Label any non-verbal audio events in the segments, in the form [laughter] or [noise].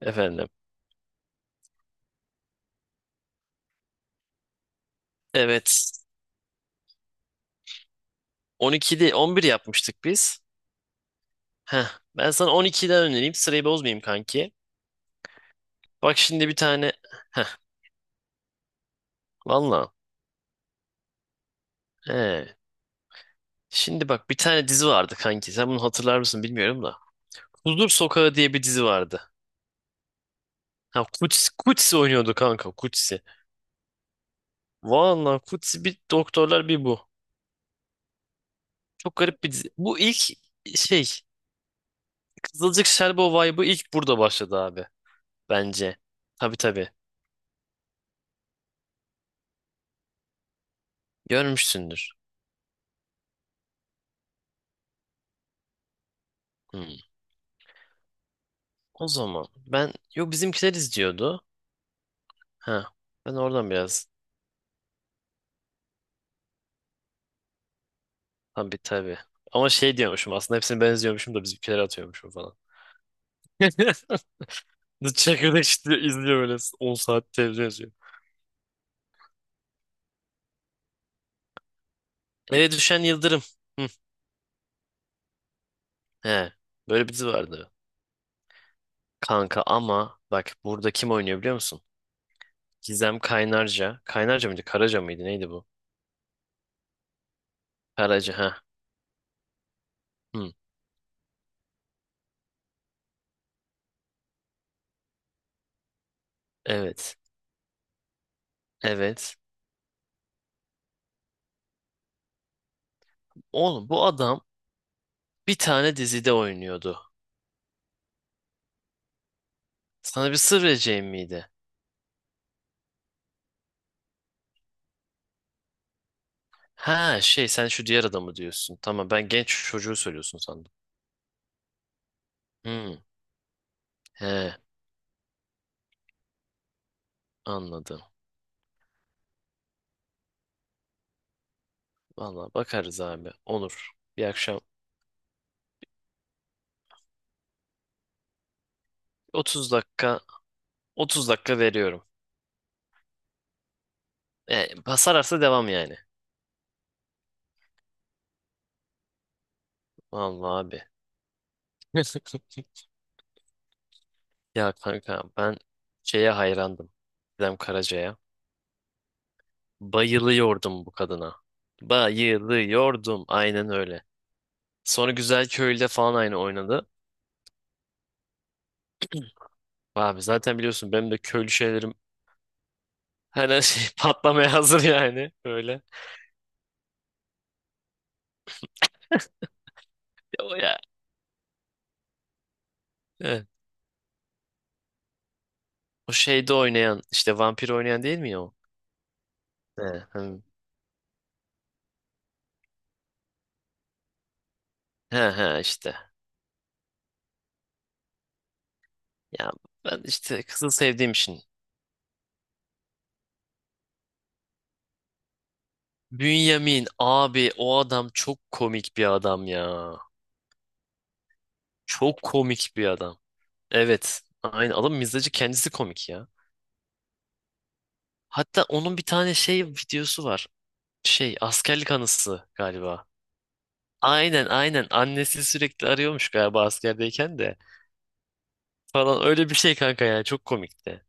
Efendim. Evet. 12 değil, bir yapmıştık biz. Heh. Ben sana 12'den önereyim. Sırayı bozmayayım kanki. Bak şimdi bir tane... Heh. Valla. He. Şimdi bak bir tane dizi vardı kanki. Sen bunu hatırlar mısın bilmiyorum da. Huzur Sokağı diye bir dizi vardı. Ha Kutsi, Kutsi oynuyordu kanka Kutsi. Valla Kutsi bir doktorlar bir bu. Çok garip bir dizi. Bu ilk şey Kızılcık Şerbeti vibe'ı ilk burada başladı abi. Bence. Tabii tabii. Görmüşsündür. Hmm. O zaman ben yok, bizimkiler izliyordu. Ha. Ben oradan biraz, tabii tabii. Ama şey diyormuşum, aslında hepsini ben izliyormuşum da bizimkileri atıyormuşum falan. [laughs] The Çakır'da işte izliyor, böyle 10 saat televizyon izliyor. Eve düşen Yıldırım. Hı. He. Böyle bir dizi vardı. Kanka ama bak burada kim oynuyor biliyor musun? Gizem Kaynarca. Kaynarca mıydı? Karaca mıydı? Neydi bu? Karaca ha. Hı. Evet. Evet. Oğlum bu adam bir tane dizide oynuyordu. Sana bir sır vereceğim miydi? Ha şey, sen şu diğer adamı diyorsun. Tamam, ben genç çocuğu söylüyorsun sandım. Hmm, he, anladım. Valla bakarız abi. Olur. Bir akşam 30 dakika, 30 dakika veriyorum. E, Sararsa devam yani. Valla abi. [laughs] Ya kanka ben şeye hayrandım. Gizem Karaca'ya. Bayılıyordum bu kadına. Bayılıyordum. Aynen öyle. Sonra Güzel Köylü'de falan aynı oynadı. Abi zaten biliyorsun benim de köylü şeylerim, hani şey [laughs] patlamaya hazır yani böyle. Ya o ya. Evet. O şeyde oynayan, işte vampir oynayan değil mi ya o? He, hı. He, he işte. Ya ben işte kızı sevdiğim için. Bünyamin abi o adam çok komik bir adam ya. Çok komik bir adam. Evet. Aynı adam, mizacı kendisi komik ya. Hatta onun bir tane şey videosu var. Şey, askerlik anısı galiba. Aynen aynen, annesi sürekli arıyormuş galiba askerdeyken de. Falan öyle bir şey kanka, ya çok komikti.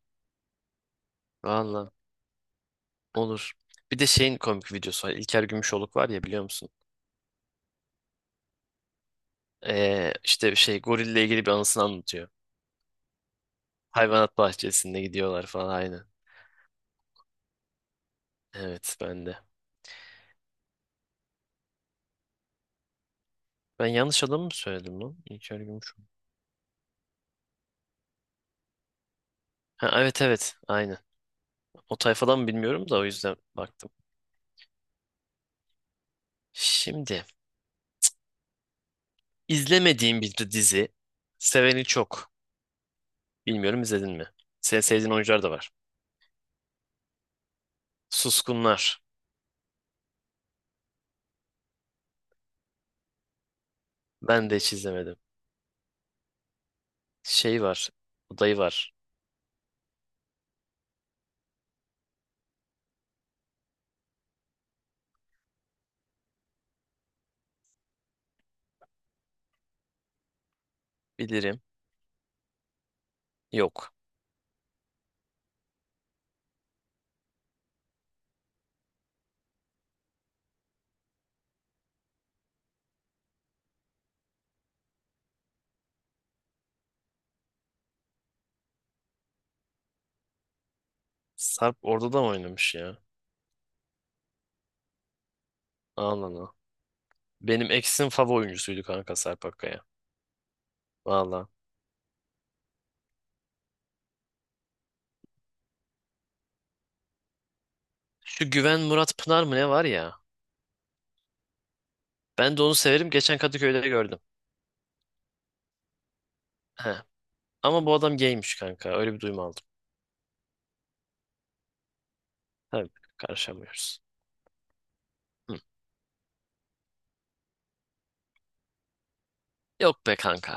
Valla olur. Bir de şeyin komik videosu var. İlker Gümüşoluk var ya, biliyor musun? İşte şey gorille ilgili bir anısını anlatıyor. Hayvanat bahçesinde gidiyorlar falan aynı. Evet ben de. Ben yanlış adamı mı söyledim lan? İlker Gümüşoluk. Ha, evet evet aynı. O tayfadan mı bilmiyorum, da o yüzden baktım. Şimdi izlemediğim bir dizi. Seveni çok. Bilmiyorum izledin mi? Senin sevdiğin oyuncular da var. Suskunlar. Ben de hiç izlemedim. Şey var. Odayı var. Bilirim. Yok. Sarp orada da mı oynamış ya? Ağlana. Benim eksim favori oyuncusuydu kanka, Sarp Akkaya. Valla. Şu Güven Murat Pınar mı ne var ya? Ben de onu severim. Geçen Kadıköy'de gördüm. He. Ama bu adam gaymiş kanka. Öyle bir duyum aldım. Tabii, karışamıyoruz. Hı. Yok be kanka.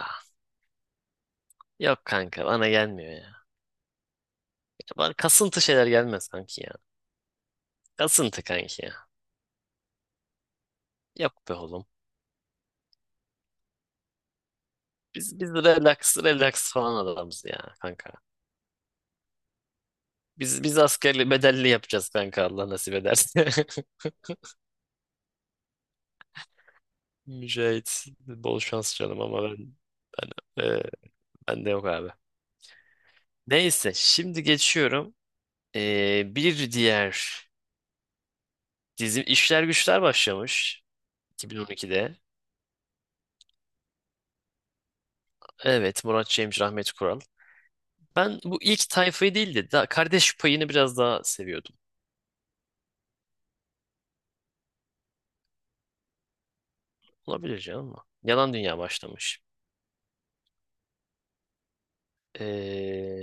Yok kanka, bana gelmiyor ya. Ya, bana kasıntı şeyler gelmez kanki ya. Kasıntı kanki ya. Yok be oğlum. Biz relax relax falan adamız ya kanka. Biz askerli bedelli yapacağız kanka, Allah nasip ederse. [laughs] Mücahit bol şans canım, ama ben ben e, ben de yok abi. Neyse şimdi geçiyorum. Bir diğer dizim İşler Güçler başlamış 2012'de. Evet, Murat Cemcir, Rahmet Kural. Ben bu ilk tayfayı değil de daha kardeş payını biraz daha seviyordum. Olabilir canım ama. Yalan Dünya başlamış. E,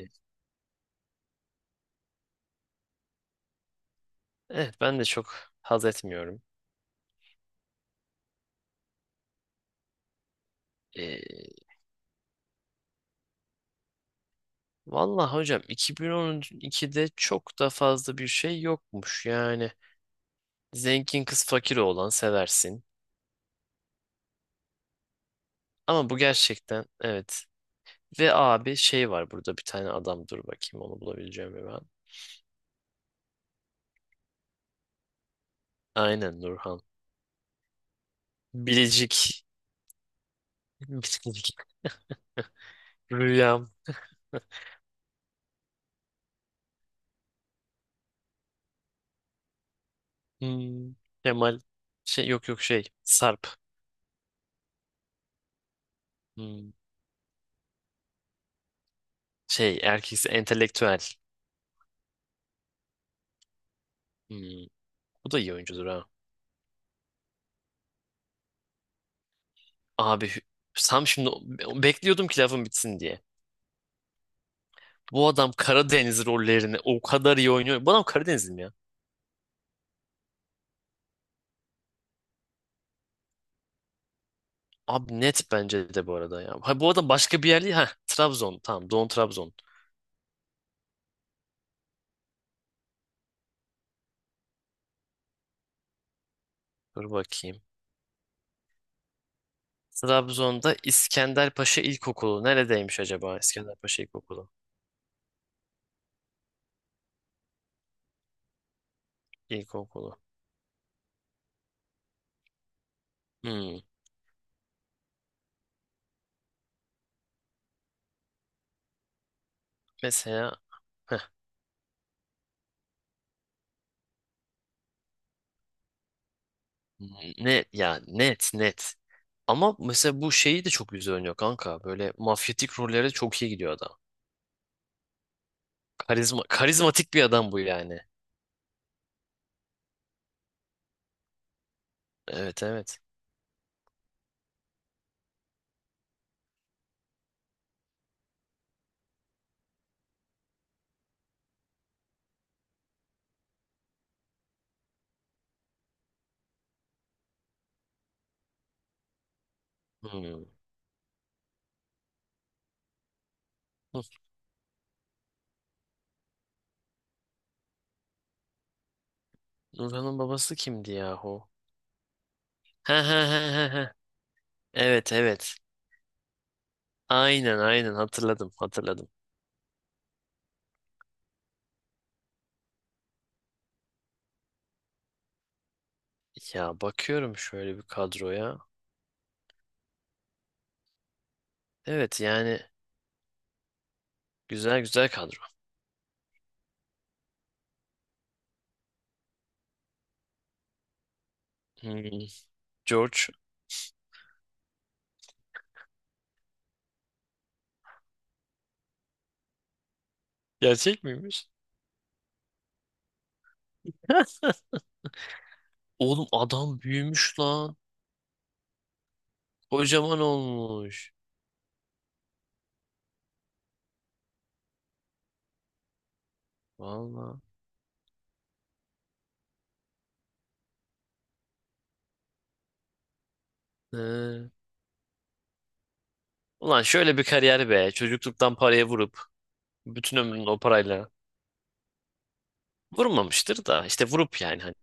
evet ben de çok haz etmiyorum. E, Vallahi hocam 2012'de çok da fazla bir şey yokmuş. Yani zengin kız fakir oğlan seversin. Ama bu gerçekten evet. Ve abi şey var burada, bir tane adam, dur bakayım onu bulabileceğim mi ben. Aynen Nurhan. Bilecik. [laughs] Bilecik. Rüyam. Hmm. Kemal. Şey yok yok şey. Sarp. Hmm. Şey, erkeksi entelektüel. Hmm. Bu da iyi oyuncudur ha. Abi Sam şimdi o- bekliyordum ki lafın bitsin diye. Bu adam Karadeniz rollerini o kadar iyi oynuyor. Bu adam Karadenizli mi ya? Abi net bence de bu arada ya. Ha, bu adam başka bir yerli. Ha Trabzon. Tamam, Doğu Trabzon. Dur bakayım. Trabzon'da İskenderpaşa İlkokulu. Neredeymiş acaba İskenderpaşa İlkokulu? İlkokulu. Hmm. Mesela heh. Ne ya, net net. Ama mesela bu şeyi de çok güzel oynuyor kanka. Böyle mafyatik rollere çok iyi gidiyor adam. Karizma, karizmatik bir adam bu yani. Evet evet. Hmm. Nurhan'ın babası kimdi yahu? He he he he he. Evet evet. Aynen aynen, hatırladım hatırladım. Ya bakıyorum şöyle bir kadroya. Evet yani, güzel güzel kadro. Hmm, George gerçek miymiş? [laughs] Oğlum adam büyümüş lan. Kocaman olmuş. Valla. He. Ulan şöyle bir kariyer be. Çocukluktan paraya vurup bütün ömrünü o parayla vurmamıştır da işte vurup yani